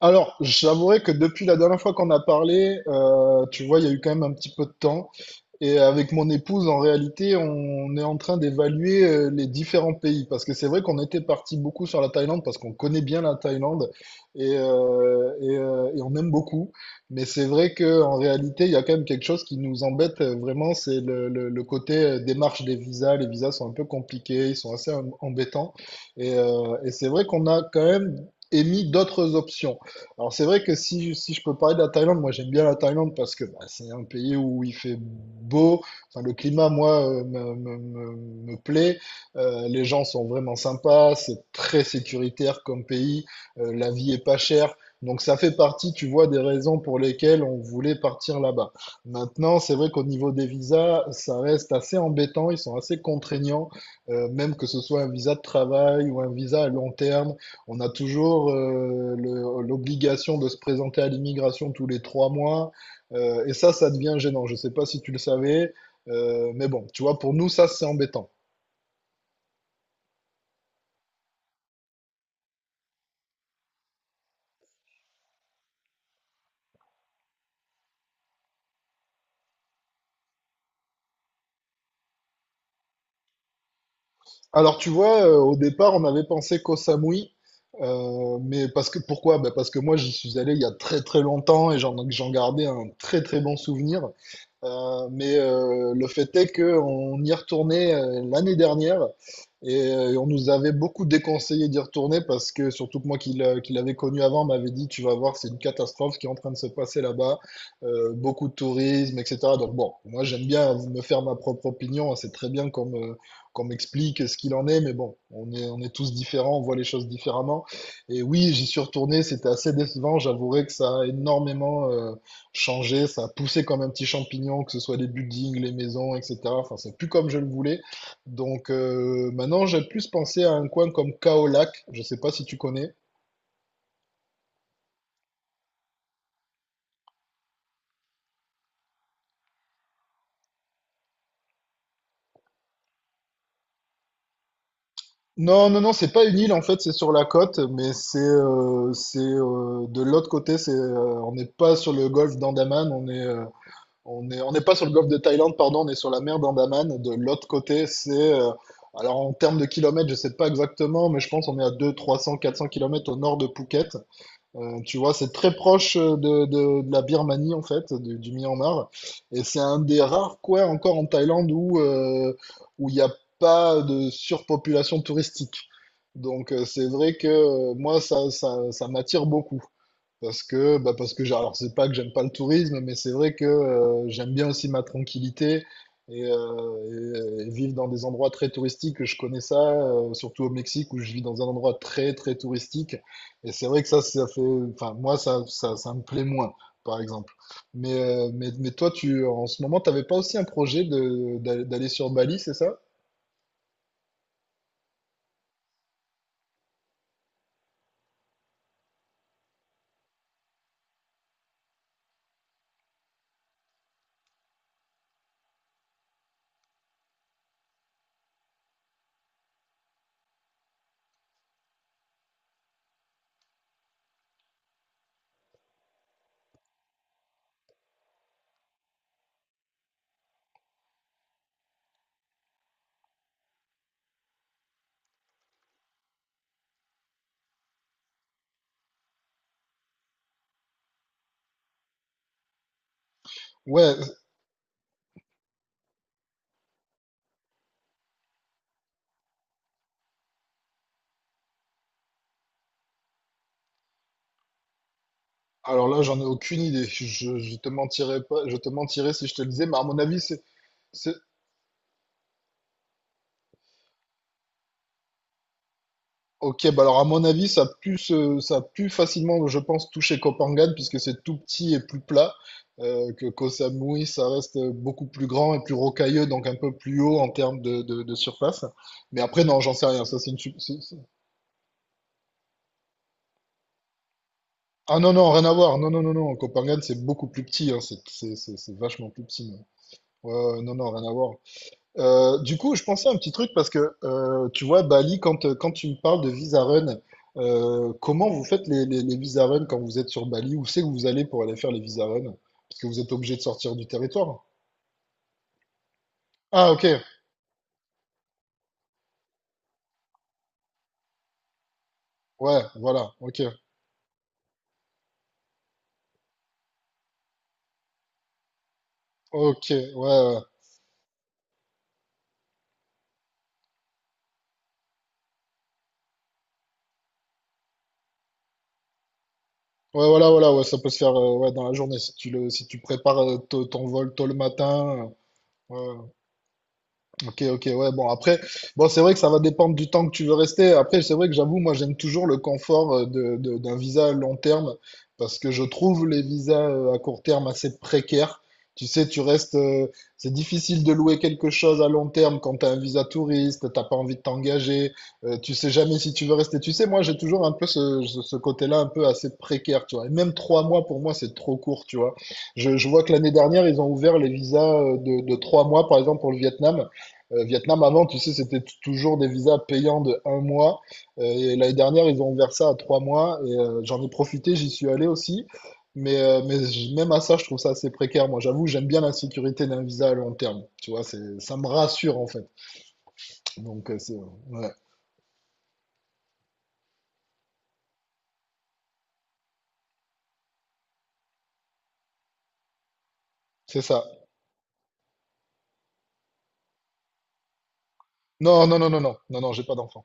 Alors, j'avouerai que depuis la dernière fois qu'on a parlé, tu vois, il y a eu quand même un petit peu de temps. Et avec mon épouse, en réalité, on est en train d'évaluer les différents pays. Parce que c'est vrai qu'on était parti beaucoup sur la Thaïlande, parce qu'on connaît bien la Thaïlande et on aime beaucoup. Mais c'est vrai qu'en réalité, il y a quand même quelque chose qui nous embête vraiment, c'est le côté démarche des visas. Les visas sont un peu compliqués, ils sont assez embêtants. Et c'est vrai qu'on a quand même émis d'autres options. Alors c'est vrai que si je peux parler de la Thaïlande, moi j'aime bien la Thaïlande parce que bah, c'est un pays où il fait beau, enfin le climat moi me plaît. Les gens sont vraiment sympas, c'est très sécuritaire comme pays. La vie est pas chère, donc ça fait partie, tu vois, des raisons pour lesquelles on voulait partir là-bas. Maintenant, c'est vrai qu'au niveau des visas, ça reste assez embêtant, ils sont assez contraignants, même que ce soit un visa de travail ou un visa à long terme. On a toujours l'obligation de se présenter à l'immigration tous les 3 mois. Et ça, ça devient gênant. Je ne sais pas si tu le savais. Mais bon, tu vois, pour nous, ça, c'est embêtant. Alors, tu vois, au départ, on avait pensé qu'au Samui. Mais parce que pourquoi? Ben, parce que moi, j'y suis allé il y a très très longtemps et j'en gardais un très très bon souvenir. Mais le fait est qu'on y retournait l'année dernière et on nous avait beaucoup déconseillé d'y retourner parce que surtout que moi qui l'avais connu avant m'avait dit tu vas voir c'est une catastrophe qui est en train de se passer là-bas, beaucoup de tourisme etc. Donc bon, moi j'aime bien me faire ma propre opinion, c'est très bien qu'on m'explique ce qu'il en est, mais bon, on est tous différents, on voit les choses différemment. Et oui, j'y suis retourné, c'était assez décevant, j'avouerai que ça a énormément changé, ça a poussé comme un petit champignon, que ce soit les buildings, les maisons, etc. Enfin, c'est plus comme je le voulais. Donc maintenant, j'ai plus pensé à un coin comme Kaolac, je sais pas si tu connais. Non, non, non, c'est pas une île en fait, c'est sur la côte, mais c'est de l'autre côté, c'est on n'est pas sur le golfe d'Andaman, on n'est pas sur le golfe de Thaïlande, pardon, on est sur la mer d'Andaman. De l'autre côté, c'est alors en termes de kilomètres, je sais pas exactement, mais je pense on est à deux, 300, 400 kilomètres au nord de Phuket. Tu vois, c'est très proche de la Birmanie, en fait, du Myanmar. Et c'est un des rares coins encore en Thaïlande où il n'y a pas de surpopulation touristique. Donc, c'est vrai que moi, ça m'attire beaucoup. Parce que, bah alors c'est pas que j'aime pas le tourisme, mais c'est vrai que j'aime bien aussi ma tranquillité et vivre dans des endroits très touristiques. Je connais ça, surtout au Mexique où je vis dans un endroit très très touristique. Et c'est vrai que ça fait, enfin moi ça me plaît moins, par exemple. Mais toi, tu, en ce moment, t'avais pas aussi un projet de, d'aller d'aller sur Bali, c'est ça? Ouais, alors là, j'en ai aucune idée. Je te mentirais pas, je te mentirais si je te le disais, mais à mon avis. C'est Ok, bah alors à mon avis, ça a pu facilement, je pense, toucher Kopangan, puisque c'est tout petit et plus plat, que Koh Samui, ça reste beaucoup plus grand et plus rocailleux, donc un peu plus haut en termes de surface. Mais après, non, j'en sais rien, ça c'est une. Ah non, non, rien à voir, non, non, non, non, Koh Phangan, c'est beaucoup plus petit, hein, c'est vachement plus petit. Ouais, ouais, non, non, rien à voir. Du coup, je pensais à un petit truc parce que tu vois, Bali, quand tu me parles de visa run, comment vous faites les visa run quand vous êtes sur Bali? Où c'est que vous allez pour aller faire les visa run? Parce que vous êtes obligé de sortir du territoire. Ah, ok, ouais, voilà, ok, ok, ouais, ouais. Ouais, voilà, voilà, ouais, ça peut se faire ouais, dans la journée si si tu prépares ton vol tôt le matin. Ouais, ouais. Ok, ok, ouais, bon, après, bon, c'est vrai que ça va dépendre du temps que tu veux rester. Après, c'est vrai que j'avoue, moi, j'aime toujours le confort d'un visa à long terme parce que je trouve les visas à court terme assez précaires. Tu sais, tu restes, c'est difficile de louer quelque chose à long terme quand tu as un visa touriste, t'as pas envie de t'engager, tu sais jamais si tu veux rester. Tu sais, moi, j'ai toujours un peu ce, ce côté-là un peu assez précaire, tu vois. Et même trois mois, pour moi, c'est trop court, tu vois. Je vois que l'année dernière, ils ont ouvert les visas de 3 mois, par exemple, pour le Vietnam. Vietnam, avant, tu sais, c'était toujours des visas payants de un mois. Et l'année dernière, ils ont ouvert ça à 3 mois. J'en ai profité, j'y suis allé aussi. Mais même à ça, je trouve ça assez précaire. Moi, j'avoue, j'aime bien la sécurité d'un visa à long terme. Tu vois, ça me rassure, en fait. Donc, ouais, c'est ça. Non, non, non, non, non, non, non, j'ai pas d'enfant.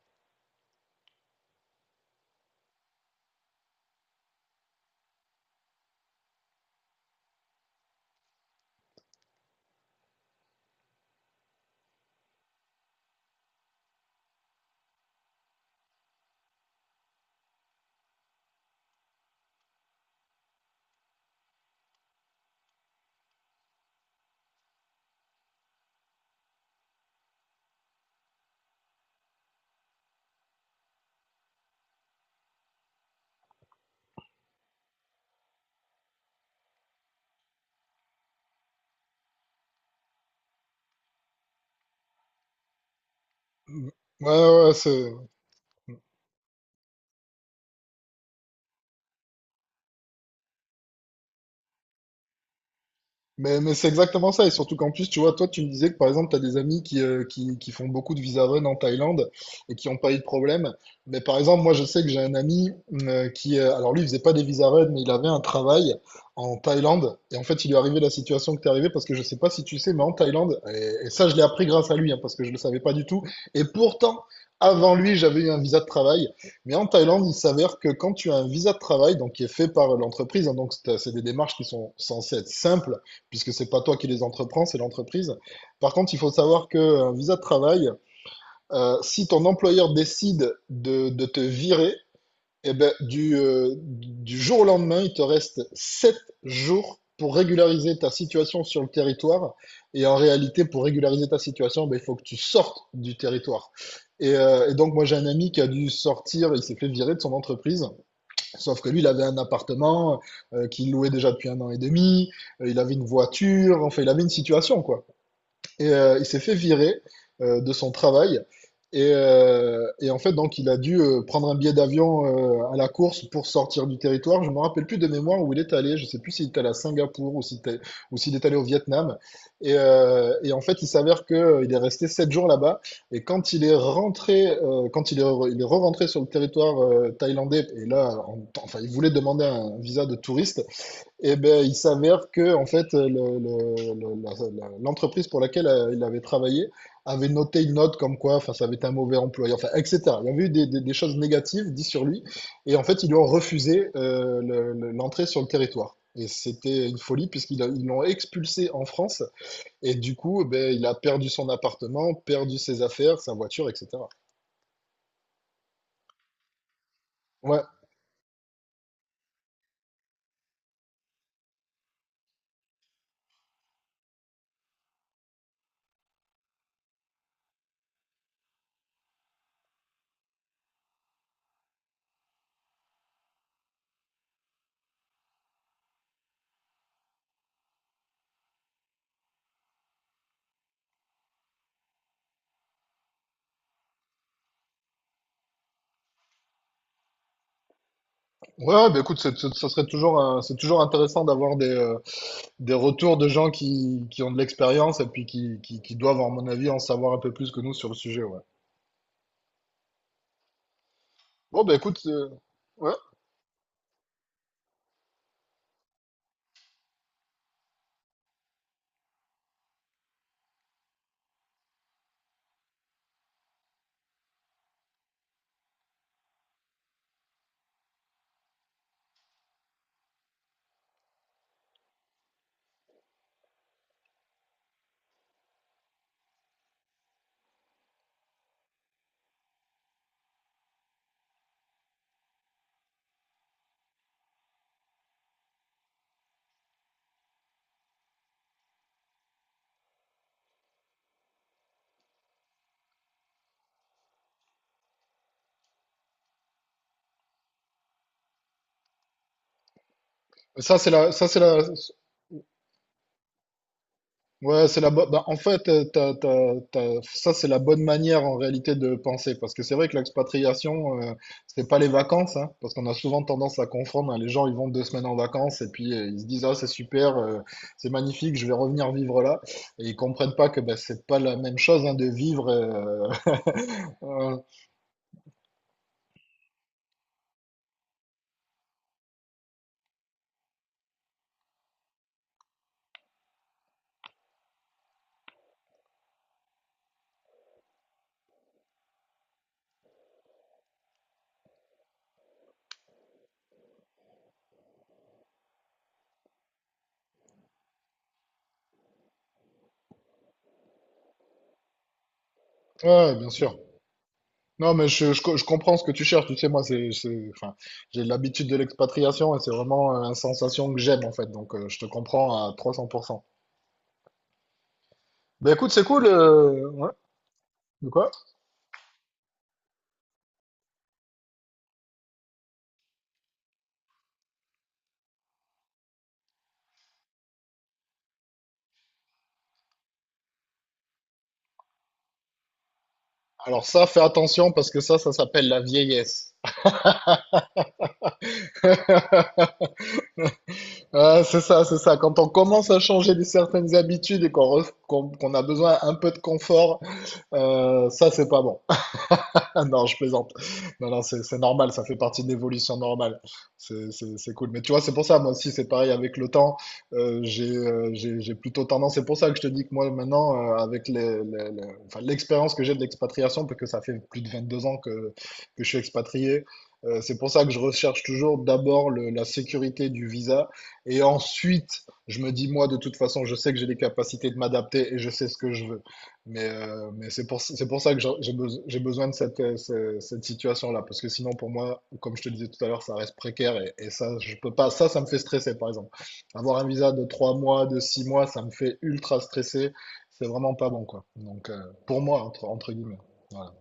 Ouais, ouais, ouais. Mais c'est exactement ça. Et surtout qu'en plus, tu vois, toi, tu me disais que par exemple, tu as des amis qui font beaucoup de visa run en Thaïlande et qui n'ont pas eu de problème. Mais par exemple, moi, je sais que j'ai un ami alors lui, il faisait pas des visa run, mais il avait un travail en Thaïlande. Et en fait, il lui est arrivé la situation que t'es arrivée parce que je sais pas si tu sais, mais en Thaïlande, et ça, je l'ai appris grâce à lui, hein, parce que je le savais pas du tout. Et pourtant, avant lui, j'avais eu un visa de travail. Mais en Thaïlande, il s'avère que quand tu as un visa de travail, donc qui est fait par l'entreprise, hein, donc c'est des démarches qui sont censées être simples, puisque c'est pas toi qui les entreprends, c'est l'entreprise. Par contre, il faut savoir qu'un visa de travail, si ton employeur décide de te virer, eh ben, du jour au lendemain, il te reste 7 jours pour régulariser ta situation sur le territoire. Et en réalité, pour régulariser ta situation, ben, il faut que tu sortes du territoire. Et donc, moi, j'ai un ami qui a dû sortir, il s'est fait virer de son entreprise. Sauf que lui, il avait un appartement qu'il louait déjà depuis un an et demi, il avait une voiture, enfin, il avait une situation, quoi. Il s'est fait virer de son travail. Et en fait, donc, il a dû prendre un billet d'avion à la course pour sortir du territoire. Je me rappelle plus de mémoire où il est allé. Je sais plus s'il est allé à Singapour ou ou s'il est allé au Vietnam. Et en fait, il s'avère que il est resté 7 jours là-bas. Et quand il est rentré, quand il est, re- il est re-rentré sur le territoire thaïlandais, et là, enfin, il voulait demander un visa de touriste. Eh ben, il s'avère que en fait, l'entreprise pour laquelle il avait travaillé avait noté une note comme quoi, enfin, ça avait été un mauvais employé, enfin, etc. Il y avait eu des choses négatives dites sur lui, et en fait, ils lui ont refusé l'entrée sur le territoire. Et c'était une folie puisqu'ils l'ont expulsé en France, et du coup, eh ben, il a perdu son appartement, perdu ses affaires, sa voiture, etc. Ouais, ouais, ben, écoute, ça serait toujours, c'est toujours intéressant d'avoir des retours de gens qui ont de l'expérience et puis qui doivent, à mon avis, en savoir un peu plus que nous sur le sujet, ouais. Bon, bah écoute, ouais. Ça, c'est la, ouais, c'est la, bo- bah, en fait, t'as- t'as- t'as- Ça, c'est la bonne manière, en réalité, de penser. Parce que c'est vrai que l'expatriation, c'est pas les vacances, hein, parce qu'on a souvent tendance à confondre, hein. Les gens, ils vont deux semaines en vacances et puis ils se disent, ah, c'est super, c'est magnifique, je vais revenir vivre là. Et ils comprennent pas que, bah, c'est pas la même chose, hein, de vivre, euh, Ouais, bien sûr. Non, mais je comprends ce que tu cherches. Tu sais, moi, enfin, j'ai l'habitude de l'expatriation et c'est vraiment une sensation que j'aime, en fait. Donc, je te comprends à 300%. Ben écoute, c'est cool. Ouais. De quoi? Alors ça, fais attention parce que ça s'appelle la vieillesse. Ah, c'est ça, c'est ça. Quand on commence à changer de certaines habitudes et qu'on ref- qu'on qu'on a besoin un peu de confort, ça, c'est pas bon. Non, je plaisante. Non, non, c'est normal, ça fait partie de l'évolution normale. C'est cool. Mais tu vois, c'est pour ça, moi aussi, c'est pareil avec le temps. J'ai plutôt tendance, c'est pour ça que je te dis que moi, maintenant, avec les- enfin, l'expérience que j'ai de l'expatriation, parce que ça fait plus de 22 ans que je suis expatrié, c'est pour ça que je recherche toujours d'abord la sécurité du visa. Et ensuite, je me dis, moi, de toute façon, je sais que j'ai les capacités de m'adapter et je sais ce que je veux. Mais c'est pour ça que j'ai besoin de cette situation-là, parce que sinon, pour moi, comme je te disais tout à l'heure, ça reste précaire et ça, je peux pas. Ça me fait stresser, par exemple. Avoir un visa de 3 mois, de 6 mois, ça me fait ultra stresser. C'est vraiment pas bon, quoi. Donc, pour moi, entre guillemets. Voilà.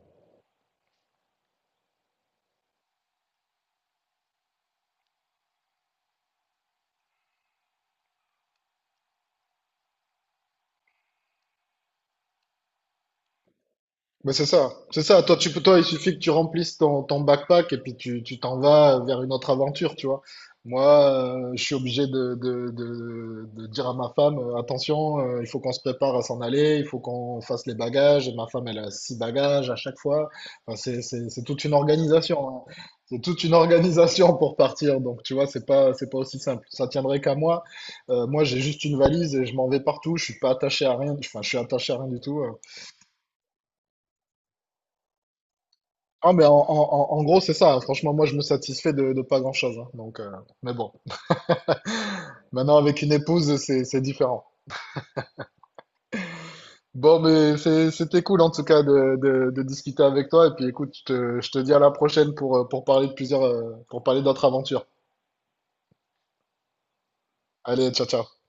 Mais c'est ça, c'est ça. Toi, tu peux, toi, il suffit que tu remplisses ton backpack et puis tu t'en vas vers une autre aventure, tu vois. Moi, je suis obligé de dire à ma femme, attention, il faut qu'on se prépare à s'en aller, il faut qu'on fasse les bagages. Et ma femme, elle a 6 bagages à chaque fois. Enfin, c'est toute une organisation, hein. C'est toute une organisation pour partir. Donc, tu vois, c'est pas aussi simple. Ça tiendrait qu'à moi. Moi, j'ai juste une valise et je m'en vais partout. Je suis pas attaché à rien. Enfin, je suis attaché à rien du tout. Ah, mais en gros, c'est ça, hein. Franchement, moi, je me satisfais de pas grand-chose, hein. Donc, mais bon, maintenant, avec une épouse, c'est différent. Bon, mais c'était cool, en tout cas, de discuter avec toi. Et puis, écoute, je te dis à la prochaine pour, pour parler d'autres aventures. Allez, ciao, ciao.